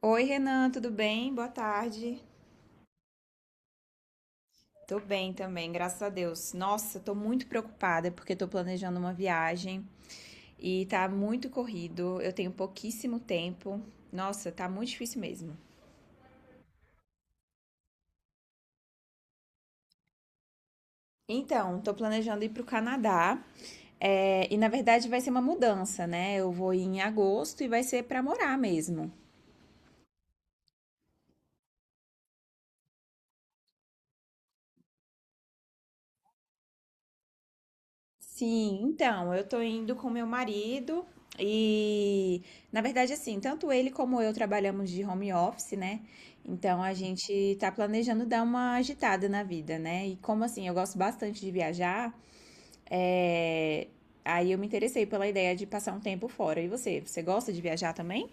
Oi, Renan, tudo bem? Boa tarde. Tô bem também, graças a Deus. Nossa, tô muito preocupada porque tô planejando uma viagem e tá muito corrido. Eu tenho pouquíssimo tempo. Nossa, tá muito difícil mesmo. Então, tô planejando ir pro Canadá. E na verdade vai ser uma mudança, né? Eu vou ir em agosto e vai ser pra morar mesmo. Sim, então, eu tô indo com meu marido e, na verdade, assim, tanto ele como eu trabalhamos de home office, né? Então a gente tá planejando dar uma agitada na vida, né? E como assim, eu gosto bastante de viajar, é, aí eu me interessei pela ideia de passar um tempo fora. E você gosta de viajar também?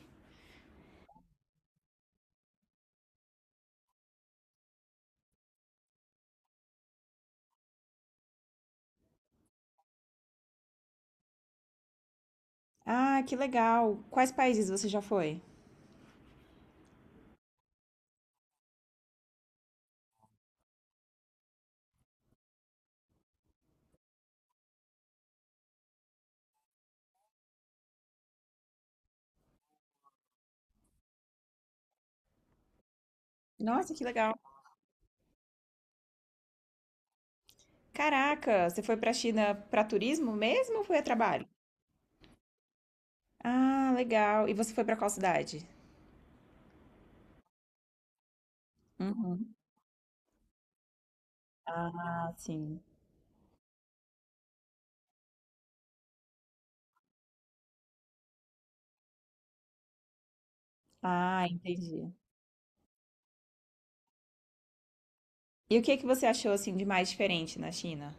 Ah, que legal! Quais países você já foi? Nossa, que legal! Caraca, você foi pra China pra turismo mesmo ou foi a trabalho? Ah, legal! E você foi pra qual cidade? Uhum. Ah, sim. Ah, entendi. E o que que você achou assim de mais diferente na China?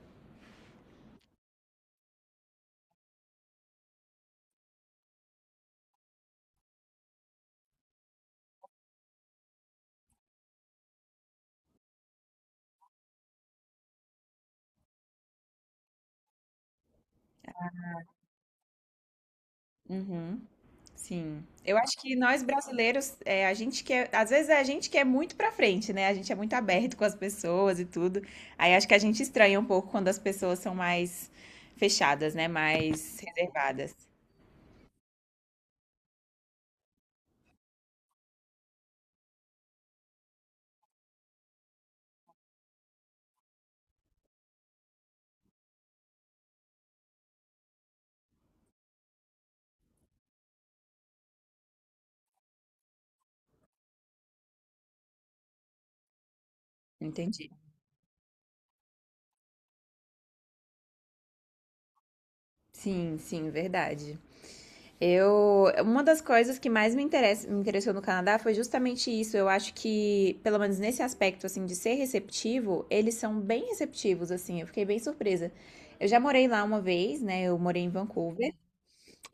Uhum. Sim. Eu acho que nós brasileiros, a gente quer, às vezes é a gente que é muito pra frente, né? A gente é muito aberto com as pessoas e tudo. Aí acho que a gente estranha um pouco quando as pessoas são mais fechadas, né? Mais reservadas. Entendi. Sim, sim, verdade. Uma das coisas que mais me interessou no Canadá foi justamente isso. Eu acho que, pelo menos nesse aspecto, assim, de ser receptivo, eles são bem receptivos, assim. Eu fiquei bem surpresa. Eu já morei lá uma vez, né? Eu morei em Vancouver.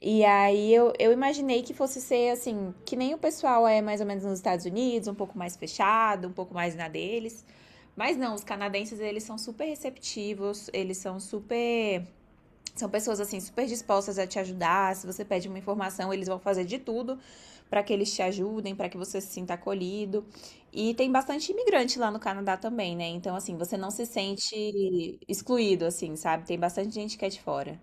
E aí eu imaginei que fosse ser, assim, que nem o pessoal é mais ou menos nos Estados Unidos, um pouco mais fechado, um pouco mais na deles. Mas não, os canadenses, eles são super receptivos, eles são super são pessoas assim super dispostas a te ajudar. Se você pede uma informação, eles vão fazer de tudo para que eles te ajudem, para que você se sinta acolhido. E tem bastante imigrante lá no Canadá também, né? Então assim, você não se sente excluído assim, sabe? Tem bastante gente que é de fora.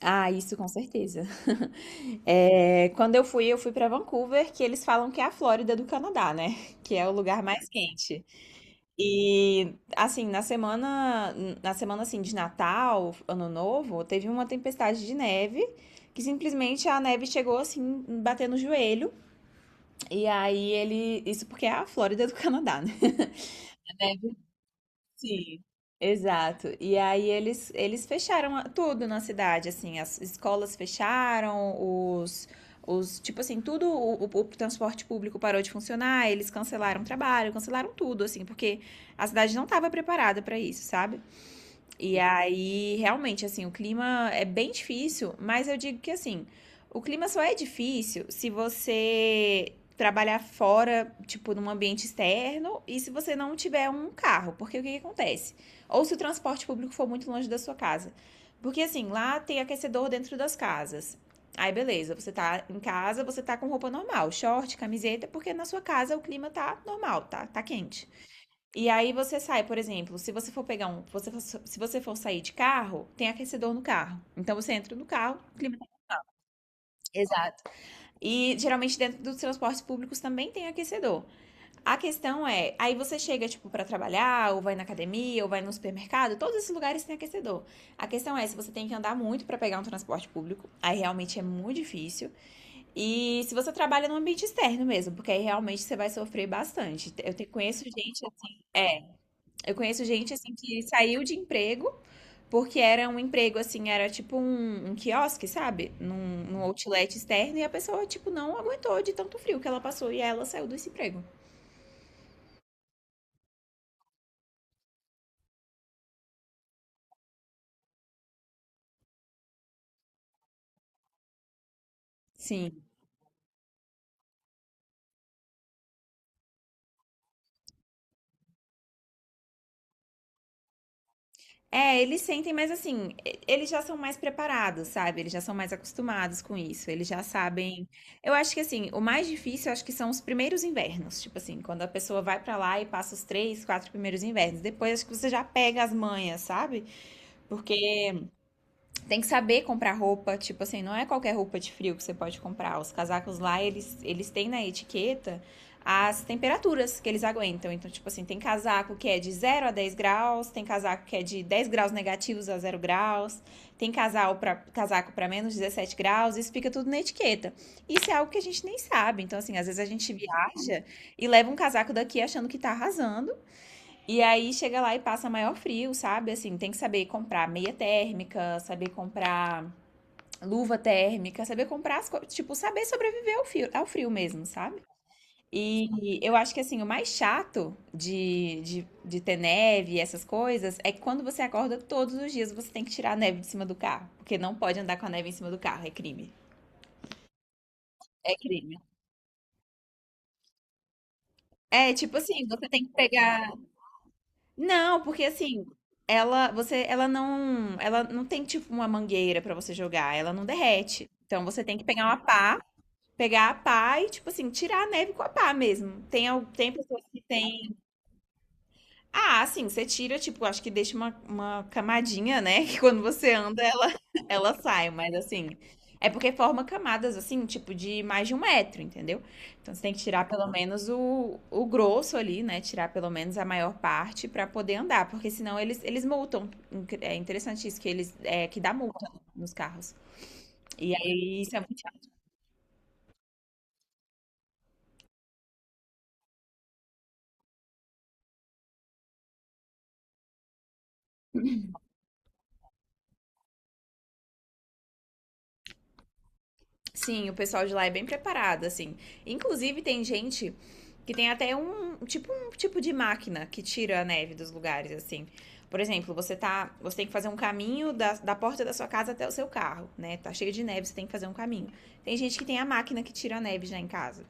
Ah, isso com certeza. É, quando eu fui para Vancouver, que eles falam que é a Flórida do Canadá, né? Que é o lugar mais quente. E assim, na semana assim de Natal, Ano Novo, teve uma tempestade de neve que simplesmente a neve chegou assim, batendo no joelho. E aí isso porque é a Flórida do Canadá, né? Sim. Exato. E aí eles fecharam tudo na cidade, assim, as escolas fecharam, os tipo assim, tudo, o transporte público parou de funcionar, eles cancelaram o trabalho, cancelaram tudo, assim, porque a cidade não estava preparada para isso, sabe? E aí, realmente, assim, o clima é bem difícil, mas eu digo que assim, o clima só é difícil se você trabalhar fora, tipo, num ambiente externo, e se você não tiver um carro, porque o que, que acontece? Ou se o transporte público for muito longe da sua casa. Porque assim, lá tem aquecedor dentro das casas. Aí beleza, você tá em casa, você tá com roupa normal, short, camiseta, porque na sua casa o clima tá normal, tá, tá quente. E aí você sai, por exemplo, se você for pegar um, você for- se você for sair de carro, tem aquecedor no carro. Então você entra no carro, climatiza. Exato. E geralmente dentro dos transportes públicos também tem aquecedor. A questão é, aí você chega tipo pra trabalhar, ou vai na academia, ou vai no supermercado, todos esses lugares têm aquecedor. A questão é se você tem que andar muito pra pegar um transporte público, aí realmente é muito difícil. E se você trabalha no ambiente externo mesmo, porque aí realmente você vai sofrer bastante. Conheço gente assim. Eu conheço gente assim que saiu de emprego porque era um emprego assim, era tipo um quiosque, sabe? Num outlet externo e a pessoa tipo não aguentou de tanto frio que ela passou e ela saiu desse emprego. Sim. É, eles sentem, mas assim, eles já são mais preparados, sabe? Eles já são mais acostumados com isso. Eles já sabem. Eu acho que assim, o mais difícil, eu acho que são os primeiros invernos. Tipo assim, quando a pessoa vai pra lá e passa os três, quatro primeiros invernos. Depois acho que você já pega as manhas, sabe? Porque Tem que saber comprar roupa, tipo assim, não é qualquer roupa de frio que você pode comprar. Os casacos lá, eles têm na etiqueta as temperaturas que eles aguentam. Então, tipo assim, tem casaco que é de 0 a 10 graus, tem casaco que é de -10 graus a 0 graus, tem casaco para -17 graus, isso fica tudo na etiqueta. Isso é algo que a gente nem sabe. Então, assim, às vezes a gente viaja e leva um casaco daqui achando que tá arrasando, e aí chega lá e passa maior frio, sabe? Assim, tem que saber comprar meia térmica, saber comprar luva térmica, saber comprar as coisas, tipo, saber sobreviver ao frio mesmo, sabe? E eu acho que assim, o mais chato de ter neve e essas coisas é que quando você acorda todos os dias você tem que tirar a neve de cima do carro, porque não pode andar com a neve em cima do carro, é crime. É crime. É, tipo assim, você tem que pegar. Não, porque assim, ela não tem tipo uma mangueira pra você jogar, ela não derrete. Então você tem que pegar uma pá, pegar a pá e tipo assim, tirar a neve com a pá mesmo. Tem pessoas que têm. Ah, sim, você tira, tipo, acho que deixa uma camadinha, né? Que quando você anda, ela sai, mas assim. É porque forma camadas, assim, tipo, de mais de 1 metro, entendeu? Então você tem que tirar pelo menos o grosso ali, né? Tirar pelo menos a maior parte pra poder andar, porque senão eles multam. É interessante isso, que dá multa nos carros. E aí isso é muito Sim, o pessoal de lá é bem preparado, assim. Inclusive, tem gente que tem até um tipo, de máquina que tira a neve dos lugares, assim. Por exemplo, você tem que fazer um caminho da porta da sua casa até o seu carro, né? Tá cheio de neve, você tem que fazer um caminho. Tem gente que tem a máquina que tira a neve já em casa.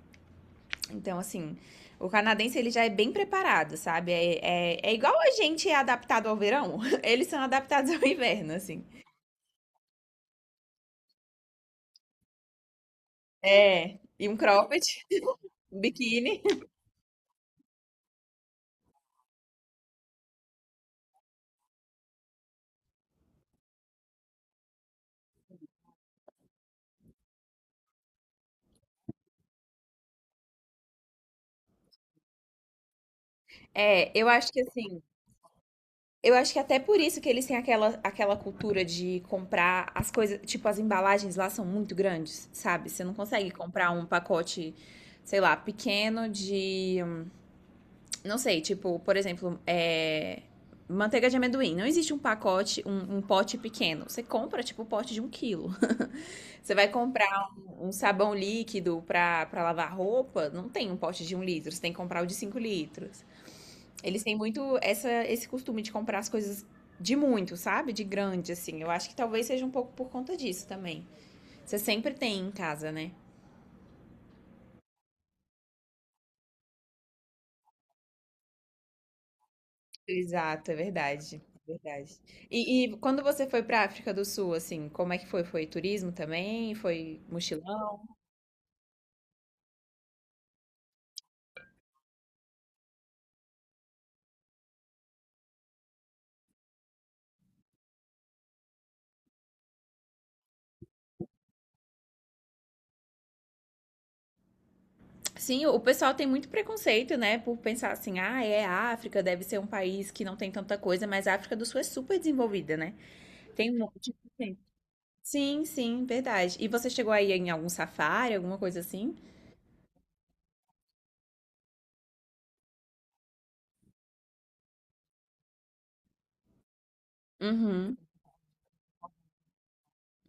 Então, assim, o canadense ele já é bem preparado, sabe? É igual a gente é adaptado ao verão. Eles são adaptados ao inverno, assim. É, e um cropped, um biquíni. É, eu acho que assim, Eu acho que até por isso que eles têm aquela cultura de comprar as coisas. Tipo, as embalagens lá são muito grandes, sabe? Você não consegue comprar um pacote, sei lá, pequeno de. Não sei, tipo, por exemplo, manteiga de amendoim. Não existe um pote pequeno. Você compra, tipo, o pote de 1 quilo. Você vai comprar um sabão líquido pra lavar roupa, não tem um pote de 1 litro. Você tem que comprar o de 5 litros. Eles têm muito esse costume de comprar as coisas de muito, sabe? De grande, assim. Eu acho que talvez seja um pouco por conta disso também. Você sempre tem em casa, né? Exato, é verdade. É verdade. E quando você foi pra África do Sul, assim, como é que foi? Foi turismo também? Foi mochilão? Sim, o pessoal tem muito preconceito, né? Por pensar assim, ah, é África, deve ser um país que não tem tanta coisa, mas a África do Sul é super desenvolvida, né? Tem um monte Sim, sim, verdade. E você chegou aí em algum safári, alguma coisa assim? Uhum.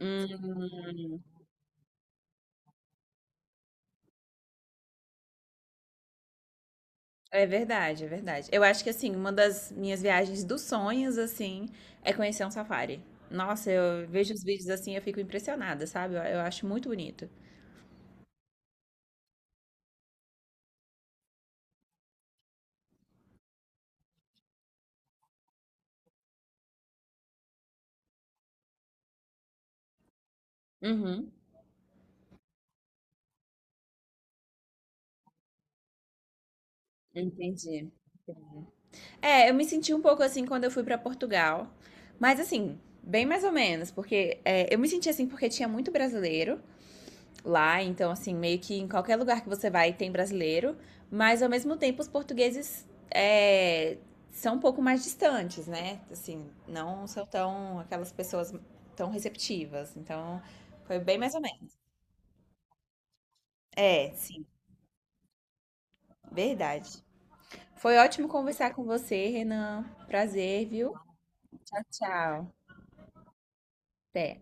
Hum, é verdade, é verdade. Eu acho que assim, uma das minhas viagens dos sonhos, assim, é conhecer um safári. Nossa, eu vejo os vídeos assim, eu fico impressionada, sabe? Eu acho muito bonito. Uhum, entendi. É, eu me senti um pouco assim quando eu fui pra Portugal, mas assim, bem mais ou menos, porque eu me senti assim porque tinha muito brasileiro. Lá, então assim, meio que em qualquer lugar que você vai tem brasileiro, mas ao mesmo tempo os portugueses é, são um pouco mais distantes, né? Assim, não são tão aquelas pessoas tão receptivas. Então, foi bem mais ou menos. É, sim, verdade. Foi ótimo conversar com você, Renan. Prazer, viu? Tchau, tchau. Até.